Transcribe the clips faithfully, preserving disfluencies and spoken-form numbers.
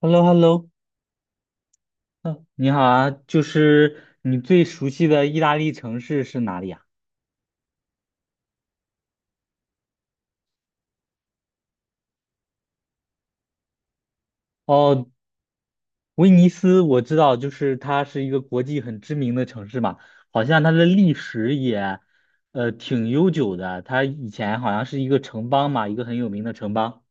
h e l l o h e l l o 嗯，你好啊，就是你最熟悉的意大利城市是哪里啊？哦，威尼斯我知道，就是它是一个国际很知名的城市嘛，好像它的历史也，呃，挺悠久的。它以前好像是一个城邦嘛，一个很有名的城邦。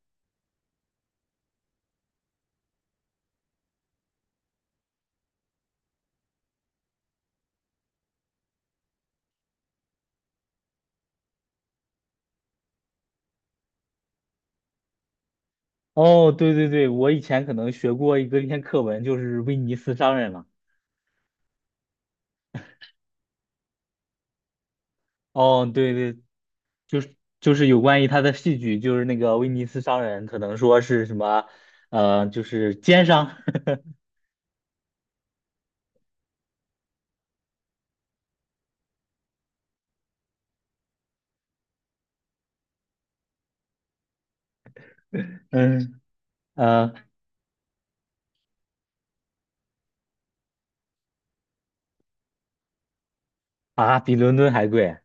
哦，对对对，我以前可能学过一个一篇课文，就是威尼斯商人嘛。哦，对对，就是就是有关于他的戏剧，就是那个威尼斯商人，可能说是什么，呃，就是奸商。嗯，呃，啊，比伦敦还贵，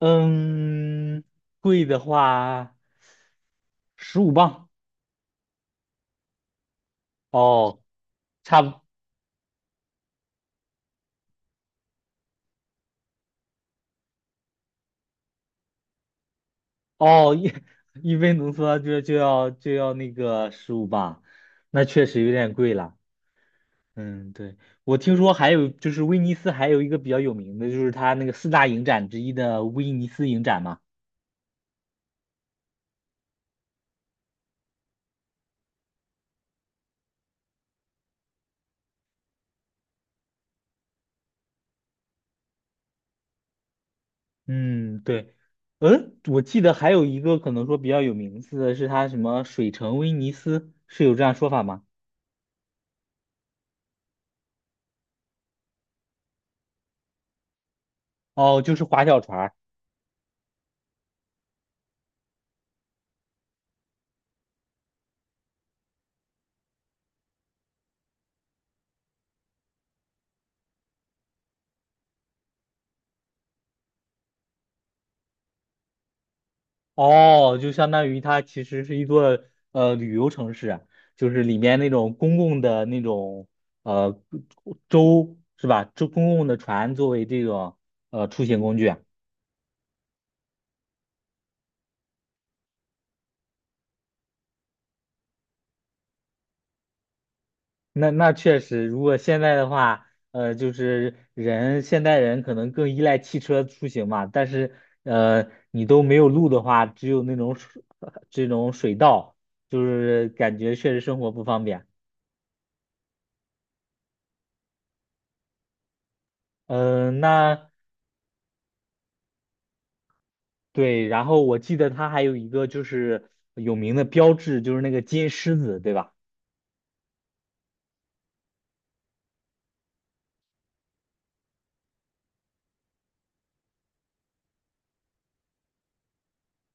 嗯，贵的话十五磅，哦，差不，哦，一 一杯浓缩就就要就要那个十五磅，那确实有点贵了，嗯，对。我听说还有就是威尼斯还有一个比较有名的，就是它那个四大影展之一的威尼斯影展嘛。嗯，对，嗯，我记得还有一个可能说比较有名字的是它什么水城威尼斯，是有这样说法吗？哦，就是划小船儿，哦，就相当于它其实是一座呃旅游城市啊，就是里面那种公共的那种呃舟是吧？舟公共的船作为这种呃出行工具啊。那那确实，如果现在的话，呃，就是人现代人可能更依赖汽车出行嘛，但是呃，你都没有路的话，只有那种水 这种水道，就是感觉确实生活不方便。嗯、呃那对，然后我记得它还有一个就是有名的标志，就是那个金狮子，对吧？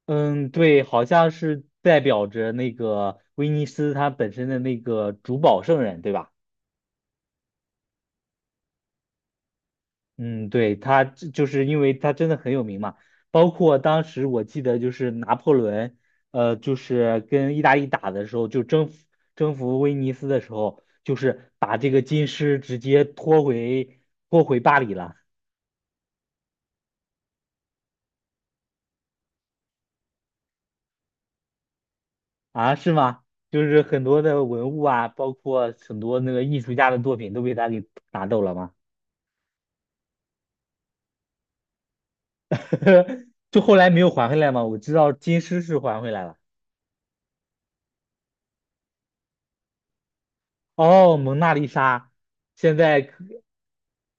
嗯，对，好像是代表着那个威尼斯它本身的那个主保圣人，对吧？嗯，对，他这就是因为他真的很有名嘛，包括当时我记得就是拿破仑，呃，就是跟意大利打的时候，就征服征服威尼斯的时候，就是把这个金狮直接拖回拖回巴黎了。啊，是吗？就是很多的文物啊，包括很多那个艺术家的作品都被他给拿走了嘛。就后来没有还回来嘛，我知道金狮是还回来了。哦，蒙娜丽莎，现在。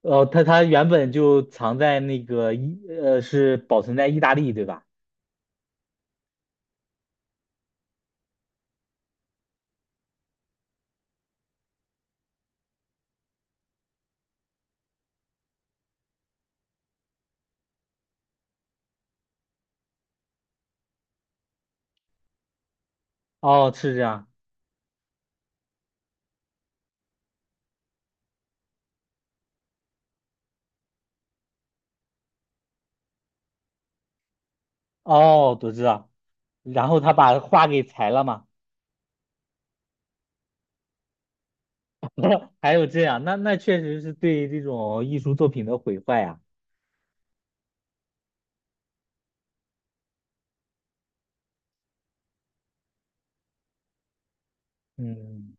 哦，他他原本就藏在那个意呃，是保存在意大利，对吧？哦，是这样。哦，我知道。然后他把画给裁了嘛？还有这样，那那确实是对这种艺术作品的毁坏啊。嗯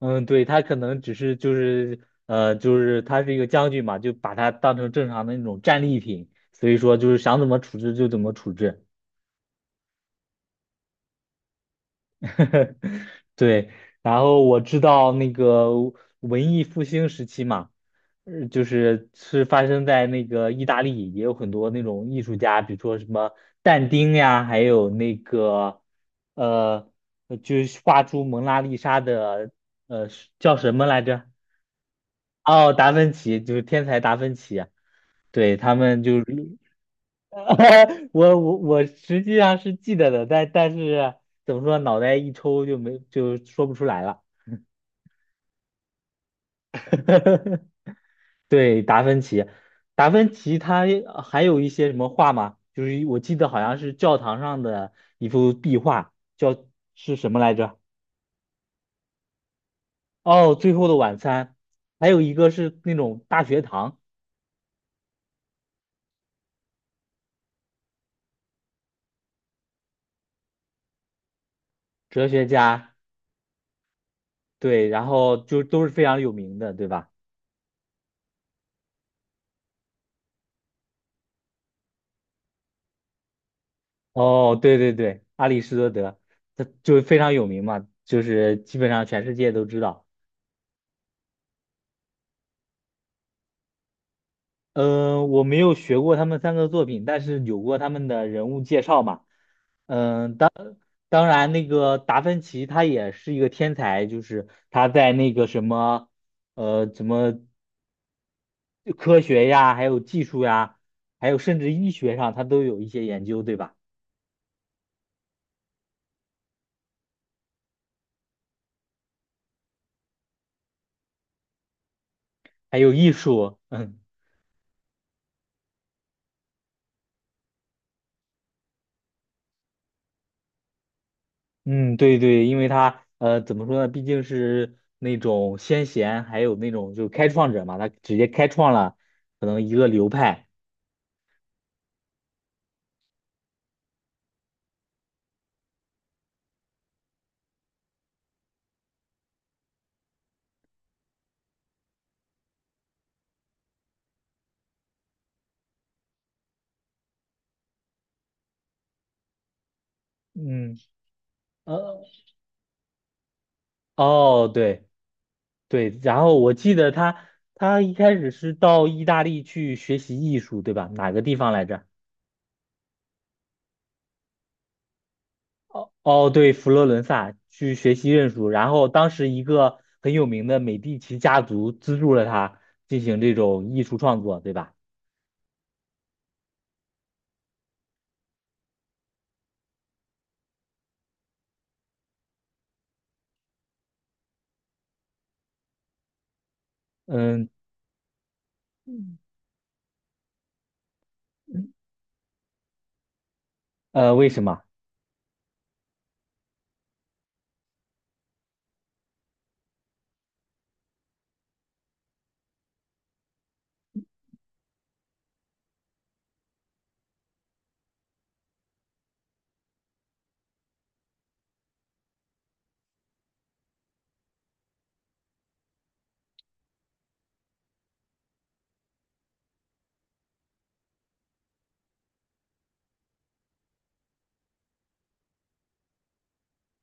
嗯，对，他可能只是就是呃，就是他是一个将军嘛，就把它当成正常的那种战利品，所以说就是想怎么处置就怎么处置。对，然后我知道那个文艺复兴时期嘛，呃就是是发生在那个意大利，也有很多那种艺术家，比如说什么但丁呀，还有那个呃，呃就是画出蒙娜丽莎的呃叫什么来着？哦，达芬奇，就是天才达芬奇啊，对，他们就是。我我我实际上是记得的，但但是怎么说，脑袋一抽就没就说不出来了。对，达芬奇，达芬奇他还有一些什么画吗？就是我记得好像是教堂上的一幅壁画，叫是什么来着？哦，《最后的晚餐》，还有一个是那种大学堂。哲学家，对，然后就都是非常有名的，对吧？哦，对对对，阿里士多德，他就非常有名嘛，就是基本上全世界都知道。呃，我没有学过他们三个作品，但是有过他们的人物介绍嘛。呃当然，那个达芬奇他也是一个天才，就是他在那个什么，呃，什么科学呀，还有技术呀，还有甚至医学上，他都有一些研究，对吧？还有艺术。嗯。嗯，对对，因为他呃，怎么说呢？毕竟是那种先贤，还有那种就是开创者嘛，他直接开创了可能一个流派。嗯，呃，哦，对对，然后我记得他他一开始是到意大利去学习艺术，对吧？哪个地方来着？哦，对，佛罗伦萨去学习认输，然后当时一个很有名的美第奇家族资助了他进行这种艺术创作，对吧？嗯，嗯呃，为什么？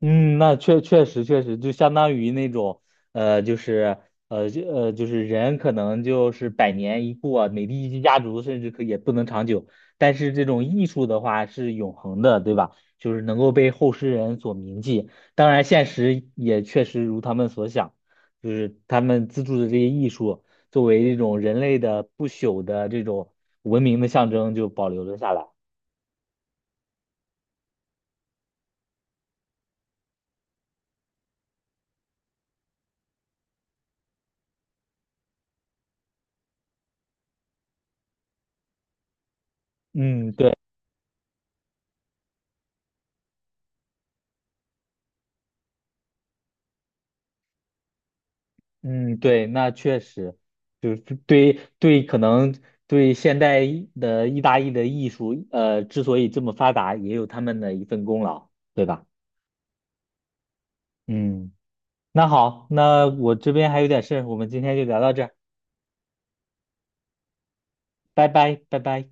嗯，那确确实确实，就相当于那种，呃，就是呃就呃，就是人可能就是百年一过，美第一家族甚至可也不能长久。但是这种艺术的话是永恒的，对吧？就是能够被后世人所铭记。当然，现实也确实如他们所想，就是他们资助的这些艺术，作为一种人类的不朽的这种文明的象征，就保留了下来。嗯，对。嗯，对，那确实，就是对对，可能对现代的意大利的艺术，呃，之所以这么发达，也有他们的一份功劳，对吧？嗯，那好，那我这边还有点事儿我们今天就聊到这儿，拜拜，拜拜。